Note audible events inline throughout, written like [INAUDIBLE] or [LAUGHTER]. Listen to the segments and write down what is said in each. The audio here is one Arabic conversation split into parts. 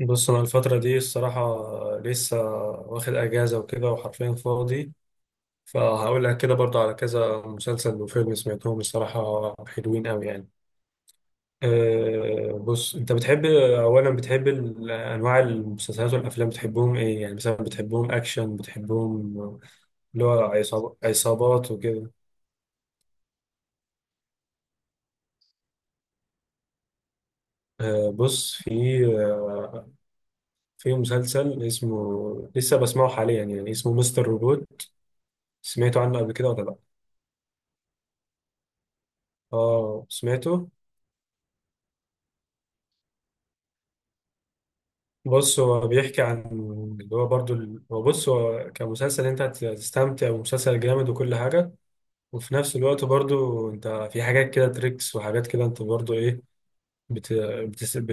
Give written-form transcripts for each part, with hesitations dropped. بص انا الفترة دي الصراحة، لسه واخد اجازة وكده وحرفيا فاضي. فهقول لك كده برضه على كذا مسلسل وفيلم سمعتهم الصراحة حلوين قوي يعني. أه بص انت بتحب اولا، بتحب انواع المسلسلات والافلام، بتحبهم ايه يعني؟ مثلا بتحبهم اكشن، بتحبهم اللي هو عصابات وكده؟ أه بص في في مسلسل اسمه لسه بسمعه حاليا يعني، اسمه مستر روبوت. سمعته عنه قبل كده ولا لا؟ اه سمعته. بص هو بيحكي عن اللي هو برضو ال- هو بص هو كمسلسل انت هتستمتع، ومسلسل جامد وكل حاجة. وفي نفس الوقت برضو انت في حاجات كده تريكس، وحاجات كده انت برضو ايه، بت... بتس... ب...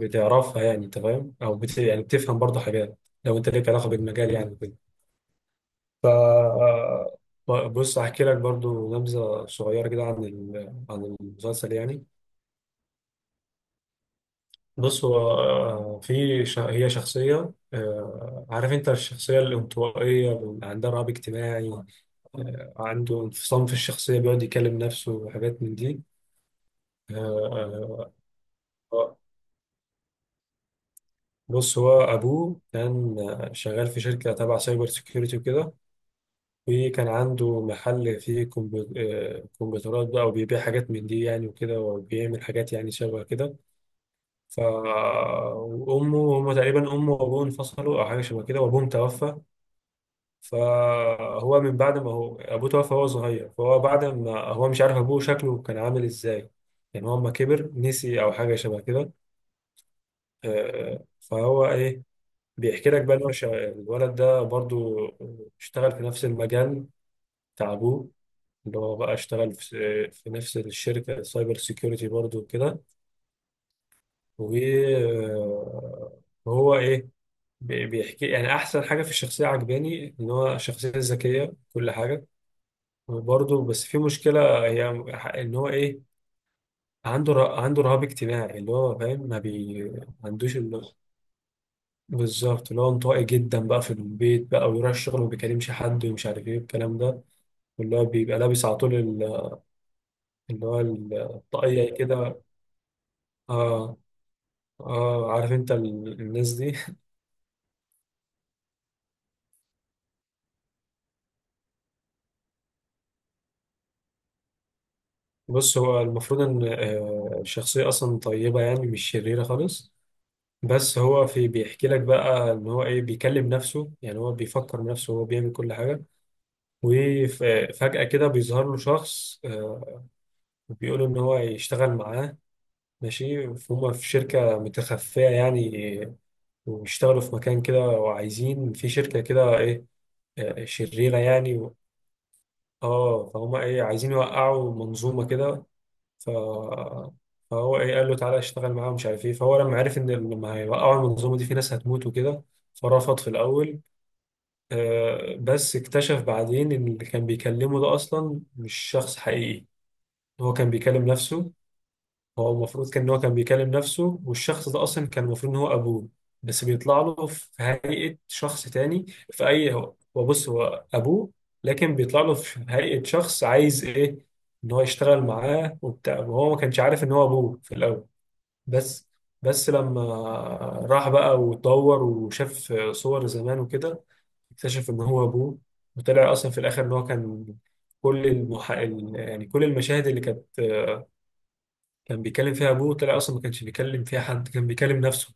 بتعرفها يعني، انت فاهم او يعني بتفهم برضو حاجات لو انت ليك علاقة بالمجال يعني كده. ف بص هحكي لك برضو نبذة صغيرة كده عن عن المسلسل يعني. بص هو في هي شخصية، عارف انت الشخصية الانطوائية اللي عندها رهاب اجتماعي؟ عنده انفصام في الشخصية، بيقعد يكلم نفسه وحاجات من دي. آه، آه، آه، بص هو أبوه كان شغال في شركة تبع سايبر سيكيورتي وكده. وكان عنده محل فيه كمبيوترات بقى، وبيبيع حاجات من دي يعني وكده، وبيعمل حاجات يعني شبه كده. ف وأمه، هما تقريبا أمه وأبوه انفصلوا أو حاجة شبه كده، وأبوهم توفى. فهو من بعد ما هو ابوه توفى وهو صغير، فهو بعد ما هو مش عارف ابوه شكله كان عامل ازاي، يعني هو لما كبر نسي او حاجه شبه كده. فهو ايه، بيحكي لك بقى ان هو الولد ده برضو اشتغل في نفس المجال بتاع ابوه، اللي هو بقى اشتغل في نفس الشركه سايبر سيكيورتي برضو كده. وهو ايه، بيحكي يعني احسن حاجه في الشخصيه عجباني ان هو شخصيه ذكيه كل حاجه. وبرضه بس في مشكلة هي، إن هو إيه، عنده عنده رهاب اجتماعي، اللي هو فاهم ما عندوش ال-. بالظبط، اللي هو انطوائي جدا بقى في البيت بقى، ويروح الشغل وما بيكلمش حد، ومش عارف إيه الكلام ده. واللي هو بيبقى لابس على طول ال-، اللي هو الطاقية كده. آه. آه عارف أنت الناس دي. [LAUGHS] بص هو المفروض إن الشخصية أصلا طيبة يعني، مش شريرة خالص. بس هو في، بيحكي لك بقى إن هو إيه، بيكلم نفسه يعني، هو بيفكر بنفسه، هو بيعمل كل حاجة. وفجأة كده بيظهر له شخص، وبيقول إن هو يشتغل معاه. ماشي، فهم في شركة متخفية يعني، وبيشتغلوا في مكان كده، وعايزين في شركة كده إيه، شريرة يعني و-. آه فهم إيه، عايزين يوقعوا منظومة كده. ف... فهو إيه قال له تعالى اشتغل معاهم مش عارف إيه. فهو لما عرف إن لما هيوقعوا المنظومة دي في ناس هتموت وكده، فرفض في الأول. بس اكتشف بعدين إن اللي كان بيكلمه ده أصلا مش شخص حقيقي، ان هو كان بيكلم نفسه. هو المفروض كان ان هو كان بيكلم نفسه، والشخص ده اصلا كان المفروض ان هو ابوه. بس بيطلع له في هيئة شخص تاني في اي، هو بص هو ابوه، لكن بيطلع له في هيئة شخص عايز ايه، ان هو يشتغل معاه وبتاع. وهو ما كانش عارف ان هو ابوه في الاول. بس بس لما راح بقى واتدور وشاف صور زمان وكده، اكتشف ان هو ابوه. وطلع اصلا في الاخر ان هو كان كل يعني كل المشاهد اللي كانت كان بيكلم فيها ابوه، طلع اصلا ما كانش بيكلم فيها حد، كان بيكلم نفسه.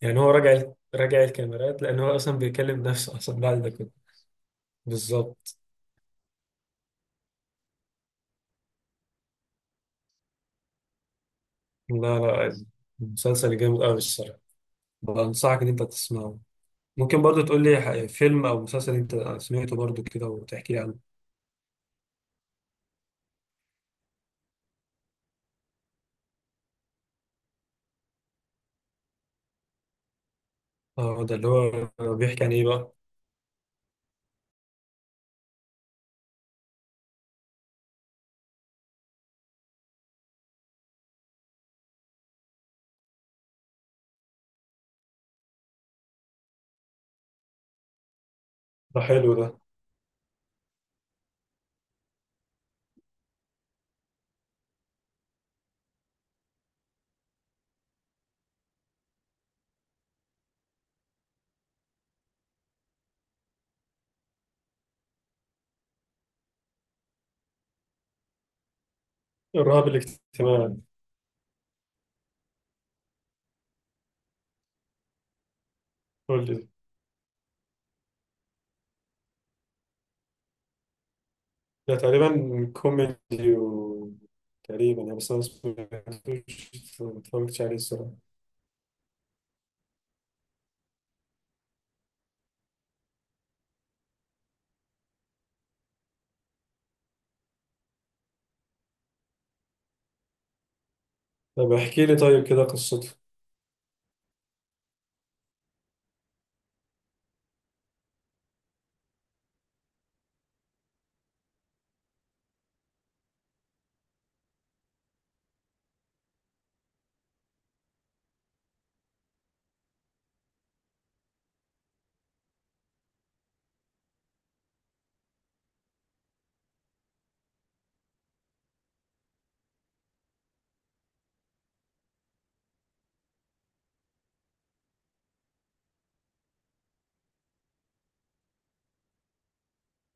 يعني هو راجع الكاميرات لان هو اصلا بيكلم نفسه اصلا بعد ده كله. بالظبط. لا، المسلسل جامد قوي الصراحه. بنصحك ان انت تسمعه. ممكن برضو تقول لي فيلم او مسلسل انت سمعته برضو كده وتحكي لي عنه؟ اه ده اللي هو بيحكي عن ايه بقى؟ ده حلو ده. الرهاب الاجتماعي. قول لي. ده تقريبا كوميدي تقريبا يعني، بس انا ما سمعتوش ما اتفرجتش عليه الصراحه. طب احكي لي طيب كده قصته.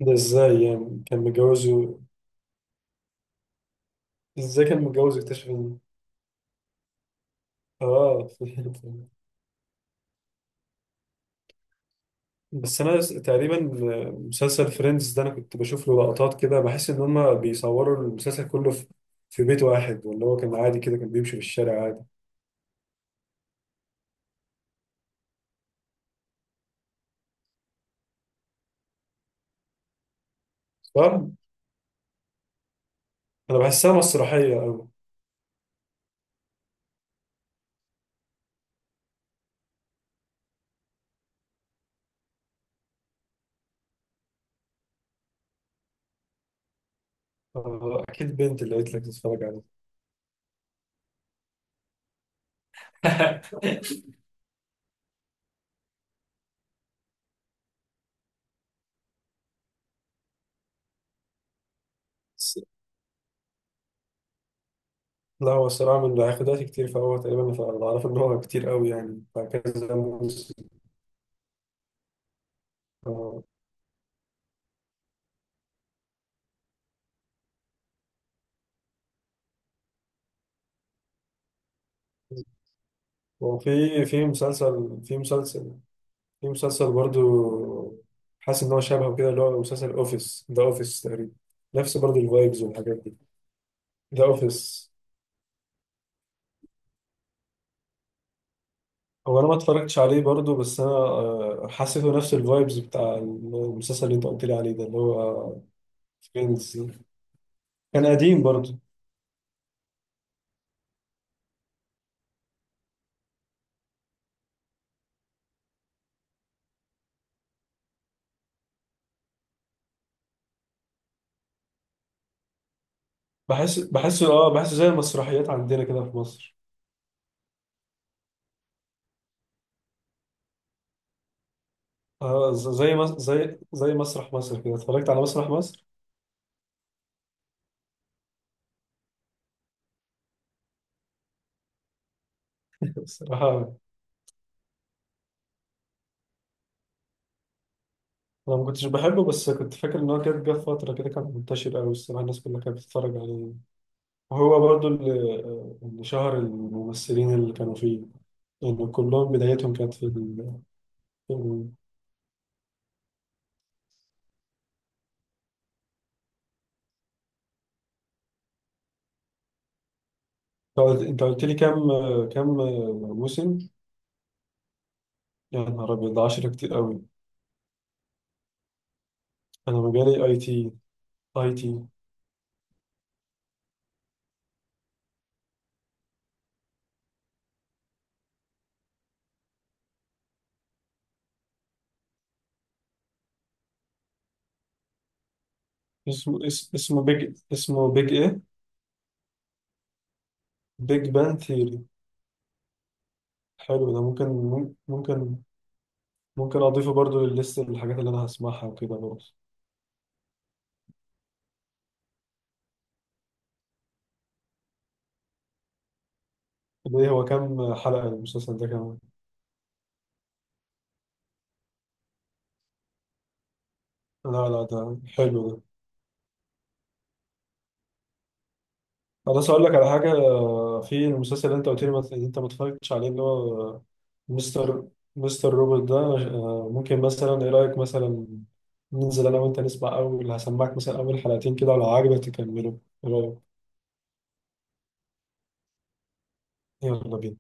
ده ازاي يعني كان متجوزه؟ ازاي كان متجوز اكتشف ان، اه [LAUGHS] بس انا تقريبا مسلسل فريندز ده انا كنت بشوف له لقطات كده، بحس ان هما بيصوروا المسلسل كله في في بيت واحد، ولا هو كان عادي كده كان بيمشي في الشارع عادي؟ صح؟ انا بحسها مسرحية أوي. اكيد بنت اللي قلت لك تتفرج عليه. [LAUGHS] بس-. لا هو الصراحة من اللي هياخد وقت كتير، فهو تقريبا أنا أعرف إن هو كتير أوي يعني، فكذا موسم. آه. وفي في مسلسل في مسلسل في مسلسل برضو حاسس ان هو شبهه كده، اللي هو مسلسل اوفيس، ذا اوفيس تقريبا، نفس برضو الفايبز والحاجات دي. ذا اوفيس. هو انا ما اتفرجتش عليه برضو، بس انا حسيته نفس الفايبز بتاع المسلسل اللي انت قلت لي عليه ده، اللي هو فريندز. كان قديم برضو. بحسه اه بحسه زي المسرحيات عندنا كده في مصر. آه ز- زي مس- زي زي مسرح مصر كده. اتفرجت على مسرح مصر. [LAUGHS] بصراحة، انا ما كنتش بحبه، بس كنت فاكر ان هو كان جه في فتره كده كان منتشر قوي الصراحه، الناس كلها كانت بتتفرج عليه. وهو برضو اللي شهر الممثلين اللي كانوا فيه، يعني كلهم بدايتهم كانت في في ال-. انت قلت أنت قلت لي كام، كام موسم؟ يا نهار ابيض، 10 كتير قوي. انا مجالي اي تي. اي تي. اسمه بيج، اسمه بيج ايه؟ بيج بان ثيوري. حلو ده، ممكن، ممكن ممكن اضيفه برضو للليست الحاجات اللي انا هسمعها وكده برضو. ليه، هو كام حلقة المسلسل ده كمان؟ لا لا، ده حلو ده. خلاص أقول لك على حاجة. في المسلسل اللي أنت قلت لي اللي أنت ما اتفرجتش عليه، اللي هو مستر مستر روبوت ده، ممكن مثلا، إيه رأيك مثلا ننزل أنا وأنت نسمع أول، هسمعك مثلا أول حلقتين كده، ولو عجبك تكمله. إيه رأيك؟ يلا بينا.